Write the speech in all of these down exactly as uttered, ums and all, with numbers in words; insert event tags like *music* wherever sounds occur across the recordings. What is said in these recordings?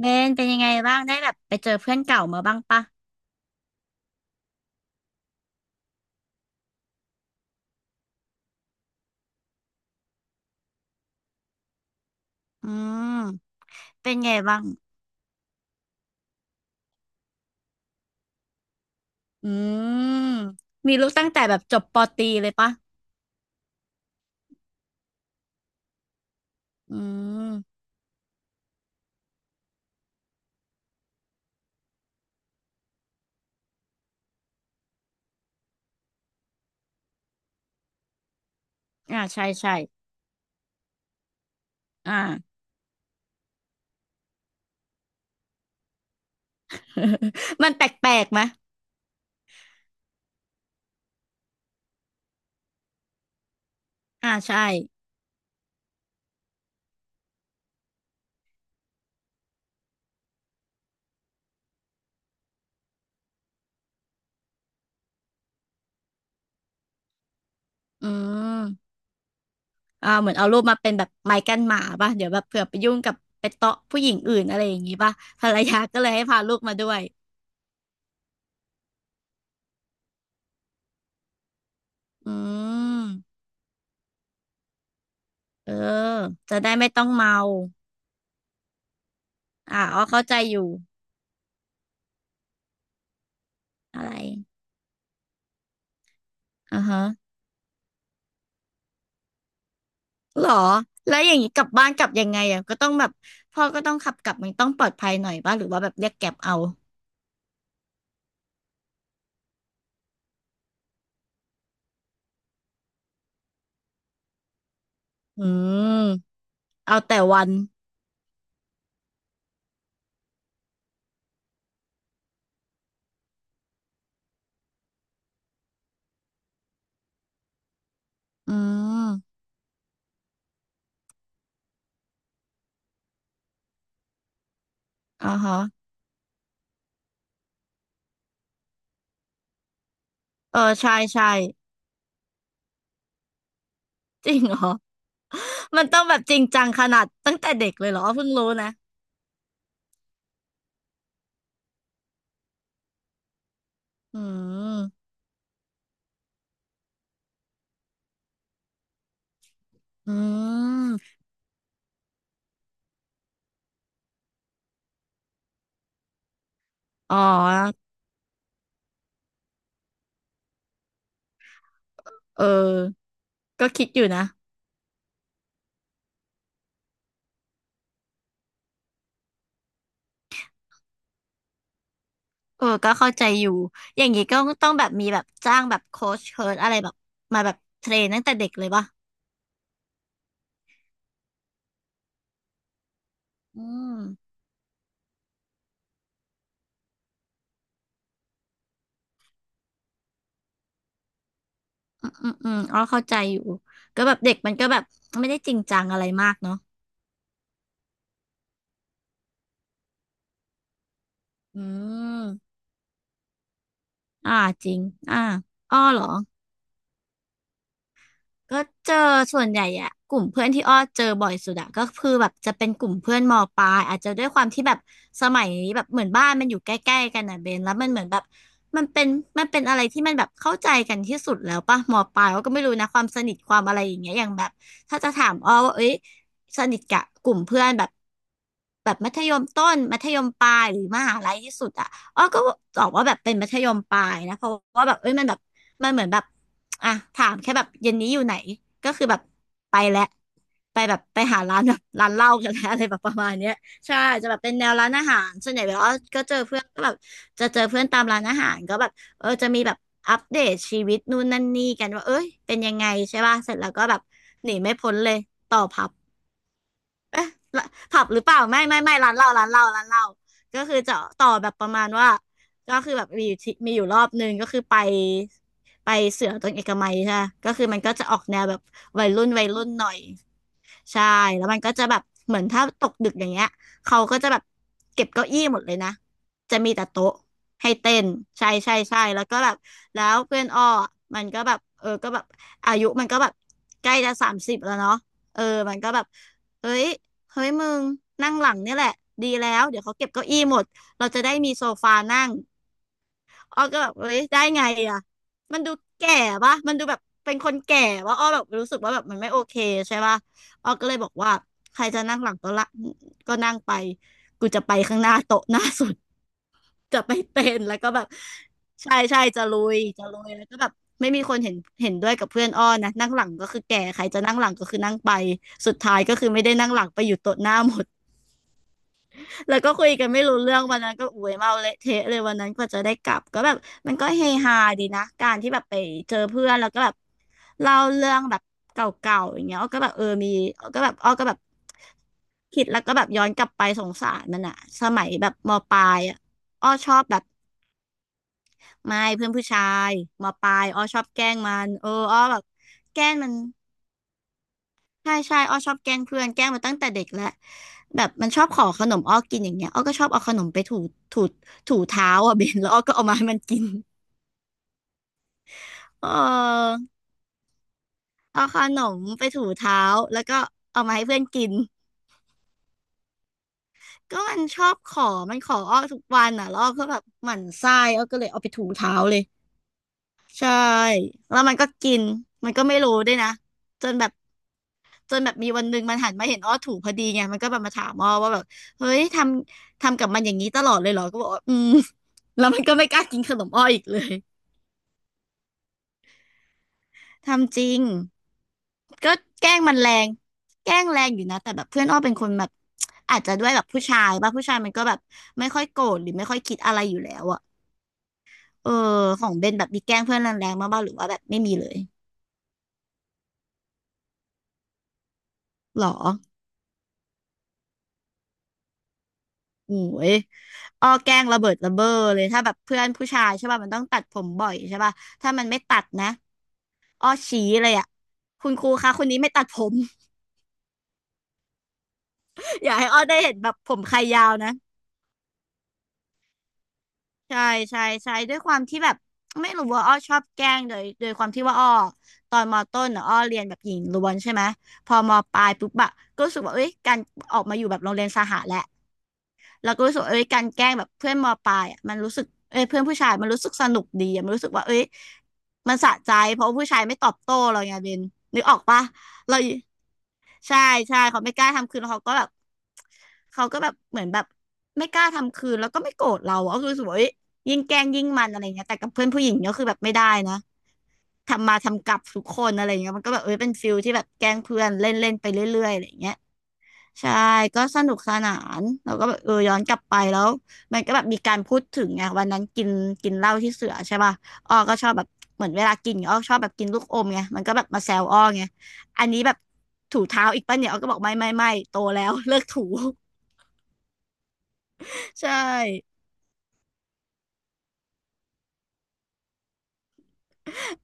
เบนเป็นยังไงบ้างได้แบบไปเจอเพื่อนเก่ามาบ้างปะอืมเป็นไงบ้างอืมมีลูกตั้งแต่แบบจบปอตรีเลยปะอืมอ่าใช่ใช่อ่า *laughs* มันแปลกๆไหมอ่าใช่อืมอ่าเหมือนเอารูปมาเป็นแบบไม้กั้นหมาปะเดี๋ยวแบบเผื่อไปยุ่งกับไปเตาะผู้หญิงอื่นอะไรอย่างงี้ปะภรรยาก็เลยให้พาลูกมาด้วยอืมเออจะได้ไม่ต้องเมาอ่าอ๋อเข้าใจอยู่อะไรอ่าฮะ หรอ แล้วอย่างนี้กลับบ้านกลับยังไงอ่ะก็ต้องแบบพ่อก็ต้องขับกลับมันต้องปลอดภัยหน่อยป่ะหรือว่าแบบเรียกแกร็บเอาอืมเอาแต่วันอืมอ่าฮะเออใช่ใช่จริงเหรอ *laughs* มันต้องแบบจริงจังขนาดตั้งแต่เด็กเลยเหรอเพิ่งรู้นะอืมอืมอ๋อเออก็คิดอยู่นะเออก็เข้าใจอยู่ อย่างนี้ก็ต้องแบบมีแบบจ้างแบบโค้ชเชิร์อะไรแบบมาแบบเทรนตั้งแต่เด็กเลยป่ะอืม อืมอืมอ๋อเข้าใจอยู่ก็แบบเด็กมันก็แบบไม่ได้จริงจังอะไรมากเนาะอืมอ่าจริงอ่าอ้อเหรอ ก็เจอส่วนใหญ่อะกลุ่มเพื่อนที่อ้อเจอบ่อยสุดอะก็คือแบบจะเป็นกลุ่มเพื่อนมปลายอาจจะด้วยความที่แบบสมัยแบบเหมือนบ้านมันอยู่ใกล้ๆกันอะเบนแล้วมันเหมือนแบบมันเป็นมันเป็นอะไรที่มันแบบเข้าใจกันที่สุดแล้วป่ะมปลายอ้อก็ไม่รู้นะความสนิทความอะไรอย่างเงี้ยอย่างแบบถ้าจะถามอ้อว่าเอ้ยสนิทกับกลุ่มเพื่อนแบบแบบมัธยมต้นมัธยมปลายหรือมหาลัยที่สุดอะอ้อก็บอกว่าแบบเป็นมัธยมปลายนะเพราะว่าแบบเอ้ยมันแบบมันเหมือนแบบ อ่ะถามแค่แบบเย็นนี้อยู่ไหนก็คือแบบไปแล้วไปแบบไปหาร้าน *laughs* แบบร้านเหล้ากันแล้ว *laughs* อะไรแบบประมาณเนี้ยใช่จะแบบเป็นแนวร้านอาหารส่วนใหญ่แบบว่าก็เจอเพื่อนก็แบบจะเจอเพื่อนตามร้านอาหารก็แบบเออจะมีแบบอัปเดตชีวิตนู่นนั่นนี่กันว่าเอ้ยเป็นยังไงใช่ป่ะเสร็จแล้วก็แบบหนีไม่พ้นเลยต่อผับ เอ๊ะละผับหรือเปล่าไม่ไม่ไม่ร้านเหล้าร้านเหล้าร้านเหล้าก็คือจะต่อแบบประมาณว่าก็คือแบบมีอยู่ที่มีอยู่รอบหนึ่งก็คือไปไปเสือตรงเอกมัยใช่ปะก็คือมันก็จะออกแนวแบบวัยรุ่นวัยรุ่นหน่อยใช่แล้วมันก็จะแบบเหมือนถ้าตกดึกอย่างเงี้ยเขาก็จะแบบเก็บเก้าอี้หมดเลยนะจะมีแต่โต๊ะให้เต้นใช่ใช่ใช่แล้วก็แบบแล้วเพื่อนอ้อมันก็แบบเออก็แบบอายุมันก็แบบใกล้จะสามสิบแล้วเนาะเออมันก็แบบเฮ้ย เฮ้ยมึงนั่งหลังเนี่ยแหละดีแล้วเดี๋ยวเขาเก็บเก้าอี้หมดเราจะได้มีโซฟานั่งอ้อก็แบบเฮ้ยได้ไงอ่ะมันดูแก่ปะมันดูแบบเป็นคนแก่ว่าอ้อแบบรู้สึกว่าแบบมันไม่โอเคใช่ปะอ้อก็เลยบอกว่าใครจะนั่งหลังก็ละก็นั่งไปกูจะไปข้างหน้าโต๊ะหน้าสุด *laughs* จะไม่เป็นแล้วก็แบบใช่ใช่จะลุยจะลุยแล้วก็แบบไม่มีคนเห็นเห็นด้วยกับเพื่อนอ้อนะนั่งหลังก็คือแก่ใครจะนั่งหลังก็คือนั่งไปสุดท้ายก็คือไม่ได้นั่งหลังไปอยู่โต๊ะหน้าหมด แล้วก็คุยกันไม่รู้เรื่องวันนั้นก็อวยเมาเละเทะเลยวันนั้นกว่าจะได้กลับก็แบบมันก็เฮฮาดีนะการที่แบบไปเจอเพื่อนแล้วก็แบบเล่าเรื่องแบบเก่าๆอย่างเงี้ยอ้อก็แบบเออมีอ้อก็แบบอ้อก็แบบคิดแล้วก็แบบย้อนกลับไปสงสารมันอะสมัยแบบมปลายอะอ้อชอบแบบไม่เพื่อนผู้ชายมปลายอ้อชอบแกล้งมันเอออ้อแบบแกล้งมัน ใช่ใช่อ้อชอบแกล้งเพื่อนแกล้งมาตั้งแต่เด็กแล้วแบบมันชอบขอขนมอ้อกินอย่างเงี้ยอ้อก็ชอบเอาขนมไปถูถูถูเท้าอ่ะ *laughs* เบนแล้วอ้อก็เอามาให้มันกินเออเอาขนมไปถูเท้าแล้วก็เอามาให้เพื่อนกินก็มันชอบขอมันขออ้อทุกวันอ่ะแล้วอ้อก็แบบหมั่นไส้อ้อก็เลยเอาไปถูเท้าเลยใช่แล้วมันก็กินมันก็ไม่รู้ด้วยนะจนแบบ จนแบบมีวันหนึ่งมันหันมาเห็นอ้อถูกพอดีไงมันก็แบบมาถามอ้อว่าแบบเฮ้ยทำทำกับมันอย่างนี้ตลอดเลยเหรอก็บอกว่าอืม *laughs* แล้วมันก็ไม่กล้ากินขนมอ้ออีกเลยทำจริงก็แกล้งมันแรงแกล้งแรงอยู่นะแต่แบบเพื่อนอ้อเป็นคนแบบอาจจะด้วยแบบผู้ชายป่ะผู้ชายมันก็แบบไม่ค่อยโกรธหรือไม่ค่อยคิดอะไรอยู่แล้วอะเออของเบนแบบมีแกล้งเพื่อนแรงๆมากบ้างหรือว่าแบบไม่มีเลยหรอ โอ้ยอ้อแกล้งระเบิดระเบ้อเลยถ้าแบบเพื่อนผู้ชายใช่ป่ะมันต้องตัดผมบ่อยใช่ป่ะถ้ามันไม่ตัดนะอ้อชี้เลยอ่ะคุณครูคะคนนี้ไม่ตัดผม *laughs* อยากให้อ้อได้เห็นแบบผมใครยาวนะ ใช่ใช่ใช่ด้วยความที่แบบไม่รู้ว่าอ้อชอบแกล้งโดยโดยความที่ว่าอ้อตอนมอต้นน่ะอ้อเรียนแบบหญิงล้วนใช่ไหม พอมอปลายปุ๊บอะก็รู้สึกว่าเอ้ยการออกมาอยู่แบบโรงเรียนสหะแหละ เราก็รู้สึกว่าเอ้ยการแกล้งแบบเพื่อนมปลายอ่ะมันรู้สึกเอ้ยเพื่อนผู้ชายมันรู้สึกสนุกดีอะมันรู้สึกว่าเอ้ยมันสะใจเพราะว่าผู้ชายไม่ตอบโต้เราไงเบนนึกออกปะเราใช่ใช่เขาไม่กล้าทำคืนแล้วเขาก็แบบเขาก็แบบเหมือนแบบไม่กล้าทำคืนแล้วก็ไม่โกรธเราอะก็คือรู้สึกว่าเอ้ยยิ่งแกล้งยิ่งมันอะไรเงี้ยแต่กับเพื่อนผู้หญิงก็คือแบบไม่ได้นะทำมาทำกลับทุกคนอะไรเงี้ยมันก็แบบเอ้ยเป็นฟิลที่แบบแกล้งเพื่อนเล่นเล่นไปเรื่อยๆอะไรเงี้ย ใช่ก็สนุกสนานเราก็แบบเออย้อนกลับไปแล้วมันก็แบบมีการพูดถึงไงวันนั้นกินกินเหล้าที่เสือใช่ป่ะอ้อก็ชอบแบบเหมือนเวลากินอ้อชอบแบบกินลูกอมไงมันก็แบบมาแซวอ้อไงอันนี้แบบถูเท้าอีกป่ะเนี่ยอ้อก็บอกไม่ไม่ไม่โตแล้ว *laughs* เลิกถู *laughs* ใช่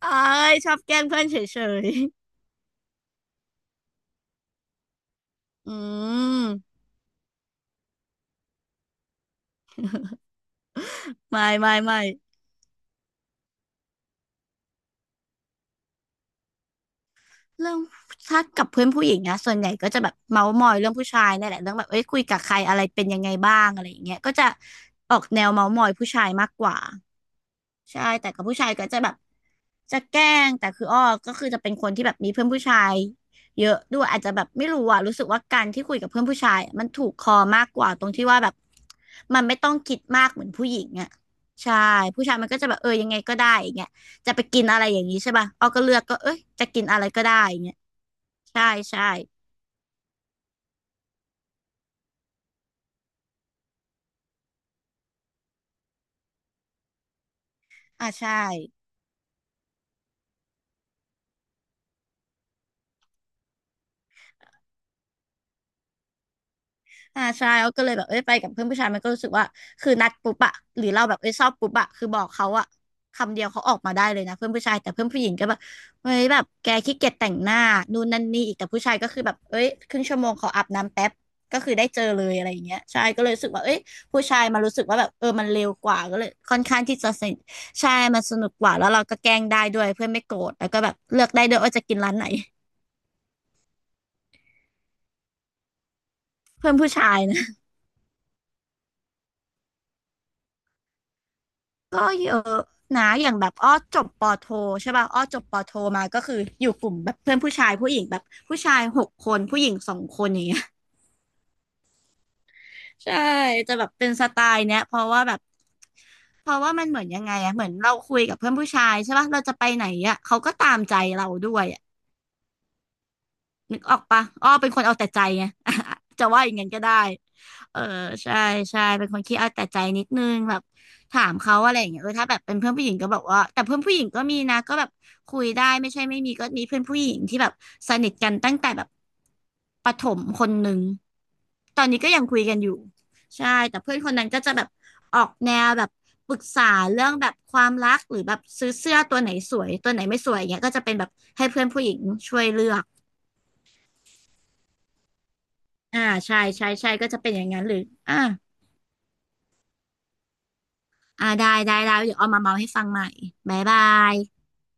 เอ้ยชอบแกล้งเพื่อนเฉยๆอืมไม่ไม่ไม่ เรื่องถ้ากับเพื่อนผู้หญิงนะส่วนใหญ่ก็จะแบบเมาท์มอยเรื่องผู้ชายนี่แหละเรื่องแบบเอ้ยคุยกับใครอะไรเป็นยังไงบ้างอะไรอย่างเงี้ยก็จะออกแนวเมาท์มอยผู้ชายมากกว่าใช่แต่กับผู้ชายก็จะแบบจะแกล้งแต่คืออ้อก็คือจะเป็นคนที่แบบมีเพื่อนผู้ชายเยอะด้วยอาจจะแบบไม่รู้อ่ะรู้สึกว่าการที่คุยกับเพื่อนผู้ชายอะมันถูกคอมากกว่าตรงที่ว่าแบบมันไม่ต้องคิดมากเหมือนผู้หญิงอ่ะใช่ผู้ชายมันก็จะแบบเออยังไงก็ได้อย่างเงี้ยจะไปกินอะไรอย่างนี้ใช่ป่ะอ้อก็เลือกก็เอ้ยจะกินอะไรก็ได้อย่างเงี้ย ใช่ใช่อ่าใช่อ่าใช่เราก็เลยแบบเอ้ยไปกับเพื่อนผู้ชายมันก็รู้สึกว่าคือนัดปุ๊บอะหรือเราแบบเอ้ยชอบปุ๊บอะคือบอกเขาอะคำเดียวเขาออกมาได้เลยนะเพื่อนผู้ชายแต่เพื่อนผู้หญิงก็แบบเฮ้ยแบบแกขี้เกียจแต่งหน้านู่นนั่นนี่อีกแต่ผู้ชายก็คือแบบเอ้ยครึ่งชั่วโมงขออาบน้ำแป๊บก็คือได้เจอเลยอะไรอย่างเงี้ยใช่ก็เลยรู้สึกว่าเอ้ยผู้ชายมารู้สึกว่าแบบเออมันเร็วกว่าก็เลยค่อนข้างที่จะสนิทใช่มันสนุกกว่าแล้วเราก็แกล้งได้ด้วยเพื่อนไม่โกรธแล้วก็แบบเลือกได้ด้วยว่าจะกินร้านไหนเพื่อนผู้ชาย ก็เยอะนะอย่างแบบอ้อจบปอโทใช่ป่ะอ้อจบปอโทมาก็คืออยู่กลุ่มแบบเพื่อนผู้ชายผู้หญิงแบบผู้ชายหกคนผู้หญิงสองคนอย่างเงี้ย *laughs* ใช่จะแบบเป็นสไตล์เนี้ยเพราะว่าแบบเพราะว่ามันเหมือนยังไงอะเหมือนเราคุยกับเพื่อนผู้ชายใช่ป่ะเราจะไปไหนอะเขาก็ตามใจเราด้วยอะ นึกออกปะอ้อเป็นคนเอาแต่ใจไง *laughs* จะว่าอย่างนั้นก็ได้เออใช่ใช่เป็นคนขี้เอาแต่ใจนิดนึงแบบถามเขาอะไรอย่างเงี้ยเออถ้าแบบเป็นเพื่อนผู้หญิงก็บอกว่าแต่เพื่อนผู้หญิงก็มีนะก็แบบคุยได้ไม่ใช่ไม่มีก็มีเพื่อนผู้หญิงที่แบบสนิทกันตั้งแต่แบบประถมคนหนึ่งตอนนี้ก็ยังคุยกันอยู่ใช่แต่เพื่อนคนนั้นก็จะแบบออกแนวแบบปรึกษาเรื่องแบบความรักหรือแบบซื้อเสื้อตัวไหนสวยตัวไหนไม่สวยเงี้ยก็จะเป็นแบบให้เพื่อนผู้หญิงช่วยเลือก อ่าใช่ใช่ใช่ก็จะเป็นอย่างนั้นหรืออ่าอ่าได้ได้ได้เดี๋ยวเอามาเมาให้ฟังใหม่บ๊ายบาย